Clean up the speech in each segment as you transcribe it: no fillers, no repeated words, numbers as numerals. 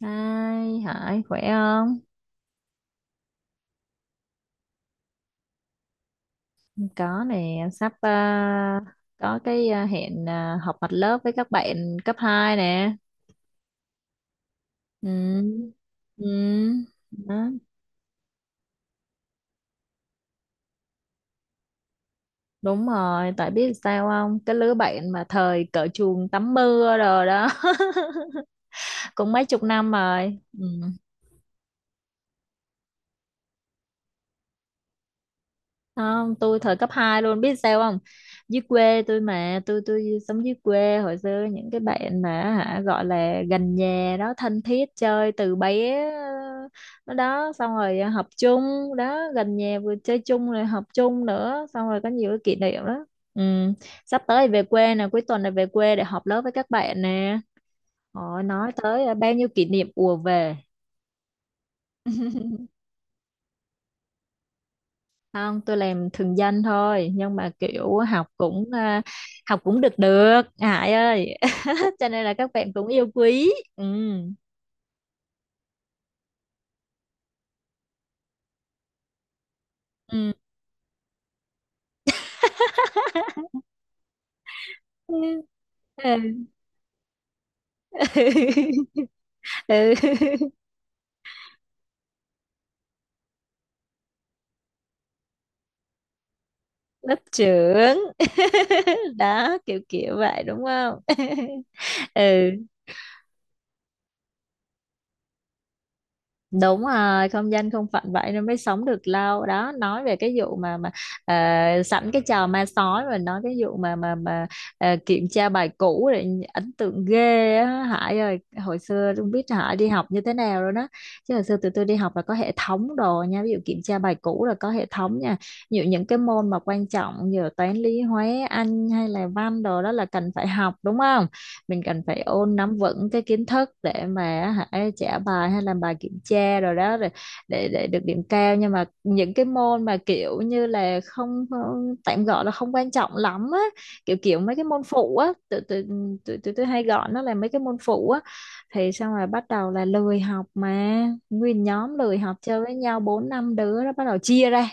Hai Hải khỏe không? Có nè, em sắp có cái hẹn họp mặt lớp với các bạn cấp 2 nè. Ừ. Ừ. Đó. Đúng rồi, tại biết sao không? Cái lứa bạn mà thời cởi chuồng tắm mưa rồi đó. Cũng mấy chục năm rồi. Ừ. Không tôi thời cấp 2 luôn biết sao không, dưới quê tôi mà tôi sống dưới quê hồi xưa những cái bạn mà hả gọi là gần nhà đó thân thiết chơi từ bé, nó đó xong rồi học chung đó, gần nhà vừa chơi chung rồi học chung nữa, xong rồi có nhiều cái kỷ niệm đó. Ừ. Sắp tới về quê nè, cuối tuần này về quê để họp lớp với các bạn nè, họ nói tới bao nhiêu kỷ niệm ùa về. Không tôi làm thường danh thôi, nhưng mà kiểu học cũng học cũng được được Hải ơi, cho nên là các bạn cũng yêu quý. Ừ. Ừ. Ừ. Ừ. Lớp trưởng đó kiểu kiểu vậy đúng không. Ừ. Đúng rồi, không danh không phận vậy nên mới sống được lâu đó. Nói về cái vụ mà ờ, sẵn cái trò ma sói rồi nói cái vụ mà kiểm tra bài cũ để ấn tượng ghê á Hải ơi, hồi xưa không biết Hải đi học như thế nào rồi đó. Chứ hồi xưa tụi tôi đi học là có hệ thống đồ nha, ví dụ kiểm tra bài cũ là có hệ thống nha. Ví dụ những cái môn mà quan trọng như là toán lý hóa Anh hay là văn đồ đó là cần phải học đúng không, mình cần phải ôn nắm vững cái kiến thức để mà hãy trả bài hay làm bài kiểm tra rồi đó rồi để được điểm cao. Nhưng mà những cái môn mà kiểu như là không không- tạm gọi là không quan trọng lắm á, kiểu kiểu mấy cái môn phụ á, tụi tụi tụi tụi tôi hay gọi nó là mấy cái môn phụ á, thì xong rồi bắt đầu là lười học mà. Nguyên nhóm lười học chơi với nhau bốn năm đứa đó bắt đầu chia ra,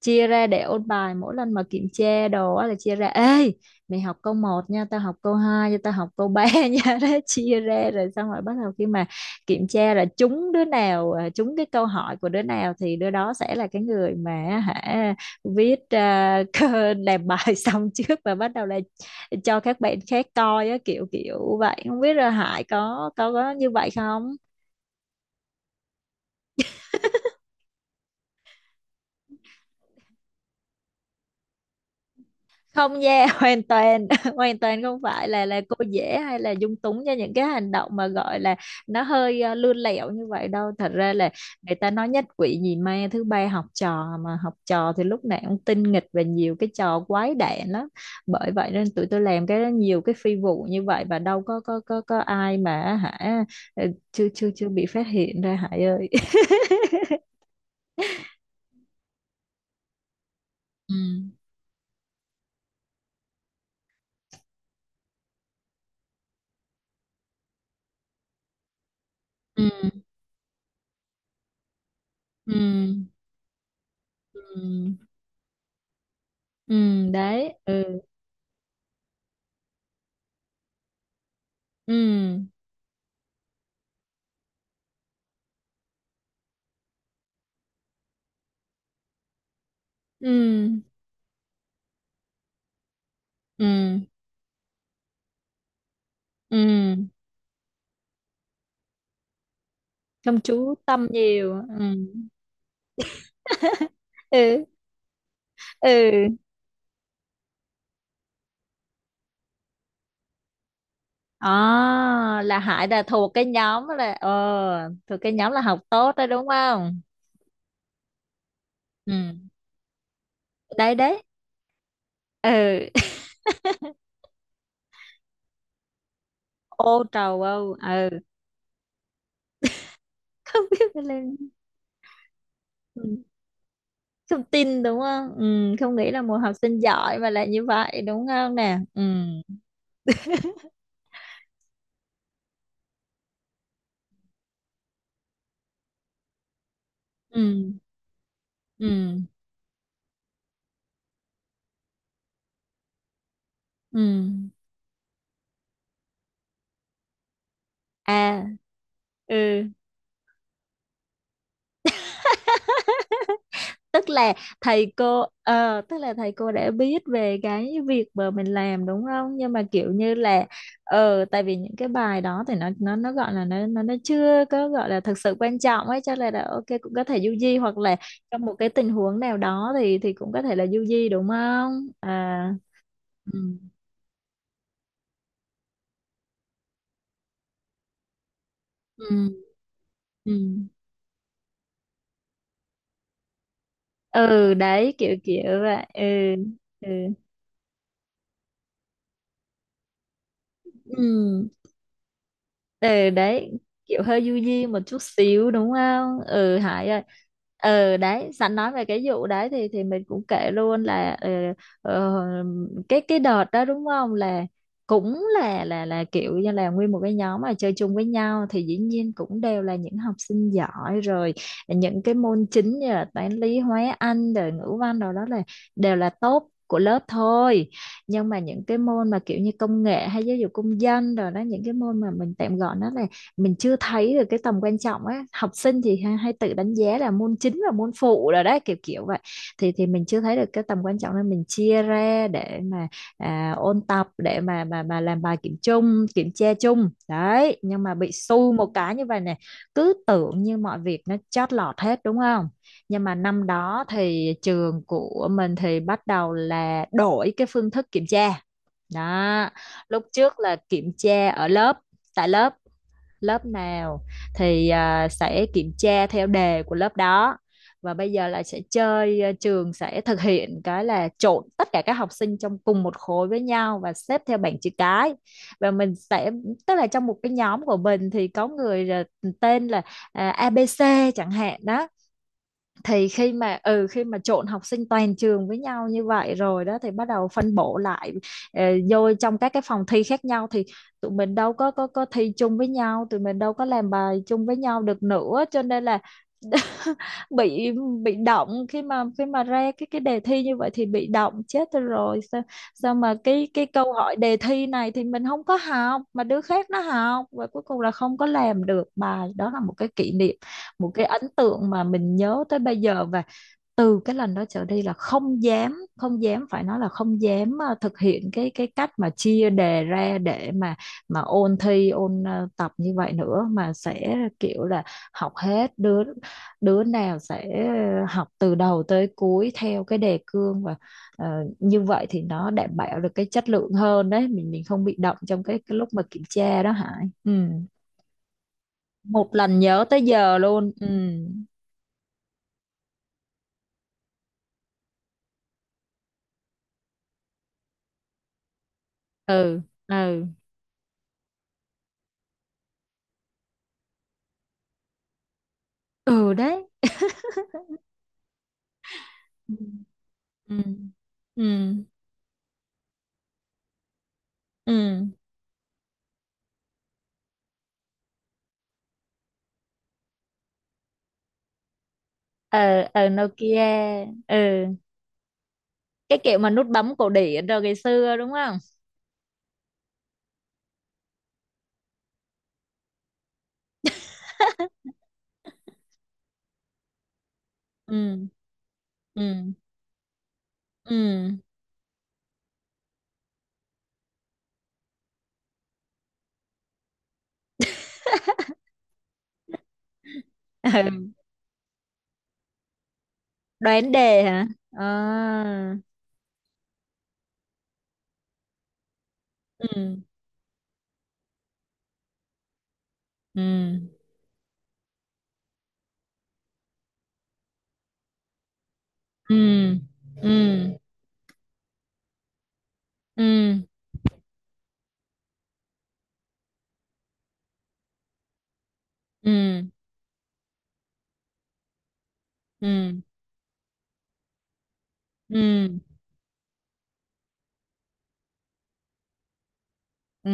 chia ra để ôn bài. Mỗi lần mà kiểm tra đồ á là chia ra, ê mày học câu một nha, tao học câu 2 nha, tao học câu 3 nha, đó chia ra. Rồi xong rồi bắt đầu khi mà kiểm tra là trúng đứa nào trúng cái câu hỏi của đứa nào thì đứa đó sẽ là cái người mà hả viết làm bài xong trước và bắt đầu là cho các bạn khác coi á, kiểu kiểu vậy. Không biết là Hải có có như vậy không. Không nha, hoàn toàn hoàn toàn không phải là cô dễ hay là dung túng cho những cái hành động mà gọi là nó hơi lươn lẹo như vậy đâu. Thật ra là người ta nói nhất quỷ nhì ma thứ ba học trò mà, học trò thì lúc nào cũng tinh nghịch và nhiều cái trò quái đản lắm. Bởi vậy nên tụi tôi làm cái nhiều cái phi vụ như vậy và đâu có ai mà hả ờ, chưa chưa chưa bị phát hiện ra Hải ơi. Ừ. Ừ. Ừ. Ừ. Ừ đấy. Ừ. Ừ. Ừ. Ừ. Ừ không chú tâm nhiều. Ừ. Ừ. Ừ. À, là Hải là thuộc cái nhóm là thuộc cái nhóm là học tốt đó đúng không. Ừ đấy đấy. Ừ. Ô trầu âu ừ. Không biết phải lên. Ừ. Không tin đúng không. Ừ. Không nghĩ là một học sinh giỏi mà lại như vậy đúng không nè. Ừ. Ừ. Ừ. Ừ. À. Ừ tức là thầy cô tức là thầy cô đã biết về cái việc mà mình làm đúng không, nhưng mà kiểu như là ờ tại vì những cái bài đó thì nó gọi là nó chưa có gọi là thực sự quan trọng ấy, cho nên là ok cũng có thể du di, hoặc là trong một cái tình huống nào đó thì cũng có thể là du di đúng không. À. Ừ. Ừ. Ừ. Ừ đấy kiểu kiểu vậy. Ừ. Ừ. Ừ. Ừ đấy, kiểu hơi du di một chút xíu đúng không, ừ Hải ơi. Ừ đấy, sẵn nói về cái vụ đấy thì mình cũng kể luôn là ờ, cái đợt đó đúng không, là cũng là kiểu như là nguyên một cái nhóm mà chơi chung với nhau thì dĩ nhiên cũng đều là những học sinh giỏi rồi. Những cái môn chính như là toán lý hóa anh rồi ngữ văn rồi đó là đều là top của lớp thôi. Nhưng mà những cái môn mà kiểu như công nghệ hay giáo dục công dân rồi đó, những cái môn mà mình tạm gọi nó là mình chưa thấy được cái tầm quan trọng á, học sinh thì hay, hay tự đánh giá là môn chính và môn phụ rồi đấy kiểu kiểu vậy. Thì mình chưa thấy được cái tầm quan trọng nên mình chia ra để mà ôn tập để mà làm bài kiểm chung kiểm tra chung đấy, nhưng mà bị xu một cái như vậy này, cứ tưởng như mọi việc nó chót lọt hết đúng không. Nhưng mà năm đó thì trường của mình thì bắt đầu là đổi cái phương thức kiểm tra đó. Lúc trước là kiểm tra ở lớp, tại lớp, lớp nào thì sẽ kiểm tra theo đề của lớp đó. Và bây giờ là sẽ chơi trường sẽ thực hiện cái là trộn tất cả các học sinh trong cùng một khối với nhau và xếp theo bảng chữ cái. Và mình sẽ, tức là trong một cái nhóm của mình thì có người là tên là ABC chẳng hạn đó. Thì khi mà ừ khi mà trộn học sinh toàn trường với nhau như vậy rồi đó thì bắt đầu phân bổ lại ờ, vô trong các cái phòng thi khác nhau. Thì tụi mình đâu có thi chung với nhau, tụi mình đâu có làm bài chung với nhau được nữa, cho nên là bị bị động khi mà ra cái đề thi như vậy thì bị động chết tôi rồi. Sao sao mà cái câu hỏi đề thi này thì mình không có học mà đứa khác nó học và cuối cùng là không có làm được bài. Đó là một cái kỷ niệm, một cái ấn tượng mà mình nhớ tới bây giờ. Và từ cái lần đó trở đi là không dám, không dám, phải nói là không dám thực hiện cái cách mà chia đề ra để mà ôn thi ôn tập như vậy nữa, mà sẽ kiểu là học hết. Đứa đứa nào sẽ học từ đầu tới cuối theo cái đề cương và ờ, như vậy thì nó đảm bảo được cái chất lượng hơn đấy, mình không bị động trong cái lúc mà kiểm tra đó Hải. Ừ. Một lần nhớ tới giờ luôn. Ừ. Ừ. Ừ. Ừ đấy. Ừ. Ừ. Ừ. Ở ở Nokia. Ừ cái kiểu mà nút bấm cổ điển rồi ngày xưa đúng không. Ừ. Ừ. Ừ. Ừ đoán đề hả. À. Ừ. Ừ. Ừ. Ừ. Ừ. Ừ. Ừ. Ừ. Ừ.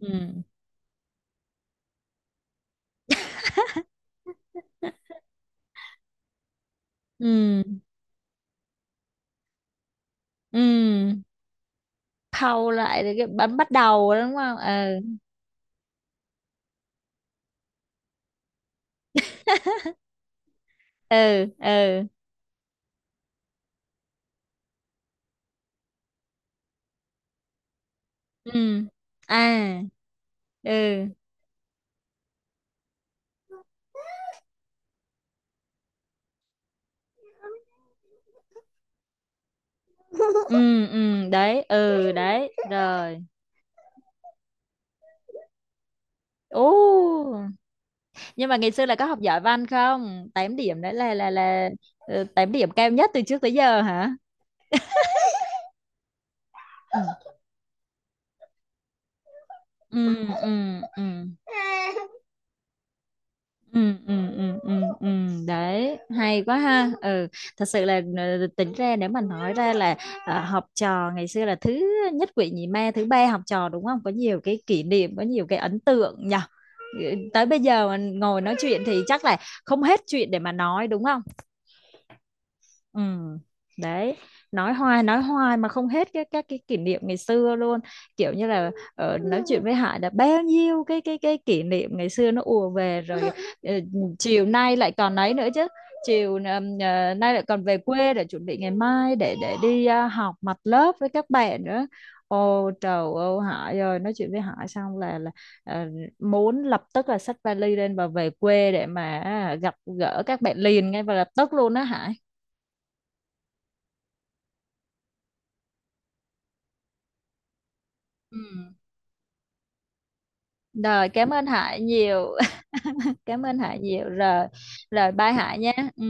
Ừ. Ừ. Ừ khâu lại rồi cái bấm bắt đầu đúng không. Ừ. Ừ. Ừ. Ừ. À. Ừ. Ừ. Ừ. Đấy. Ừ đấy rồi. Ô, nhưng mà ngày xưa là có học giỏi văn không? 8 điểm đấy là 8 điểm cao nhất từ trước tới giờ hả. Ừ. Ừ. Ừ. Ừ. Ừ. Ừ. Ừ. Ừ. Đấy hay quá ha. Ừ thật sự là tính ra nếu mà nói ra là học trò ngày xưa là thứ nhất quỷ nhì ma thứ ba học trò đúng không, có nhiều cái kỷ niệm có nhiều cái ấn tượng nhỉ. Ừ, tới bây giờ mà ngồi nói chuyện thì chắc là không hết chuyện để mà nói đúng không. Ừ. Đấy, nói hoài mà không hết cái các cái kỷ niệm ngày xưa luôn. Kiểu như là nói chuyện với Hải đã bao nhiêu cái kỷ niệm ngày xưa nó ùa về rồi, ờ, chiều nay lại còn ấy nữa chứ. Chiều nay lại còn về quê để chuẩn bị ngày mai để đi học mặt lớp với các bạn nữa. Ô trời ơi Hải ơi, nói chuyện với Hải xong là ờ, muốn lập tức là xách vali lên và về quê để mà gặp gỡ các bạn liền ngay và lập tức luôn đó Hải. Ừ. Rồi cảm ơn Hải nhiều. Cảm ơn Hải nhiều. Rồi rồi bye Hải nhé. Ừ.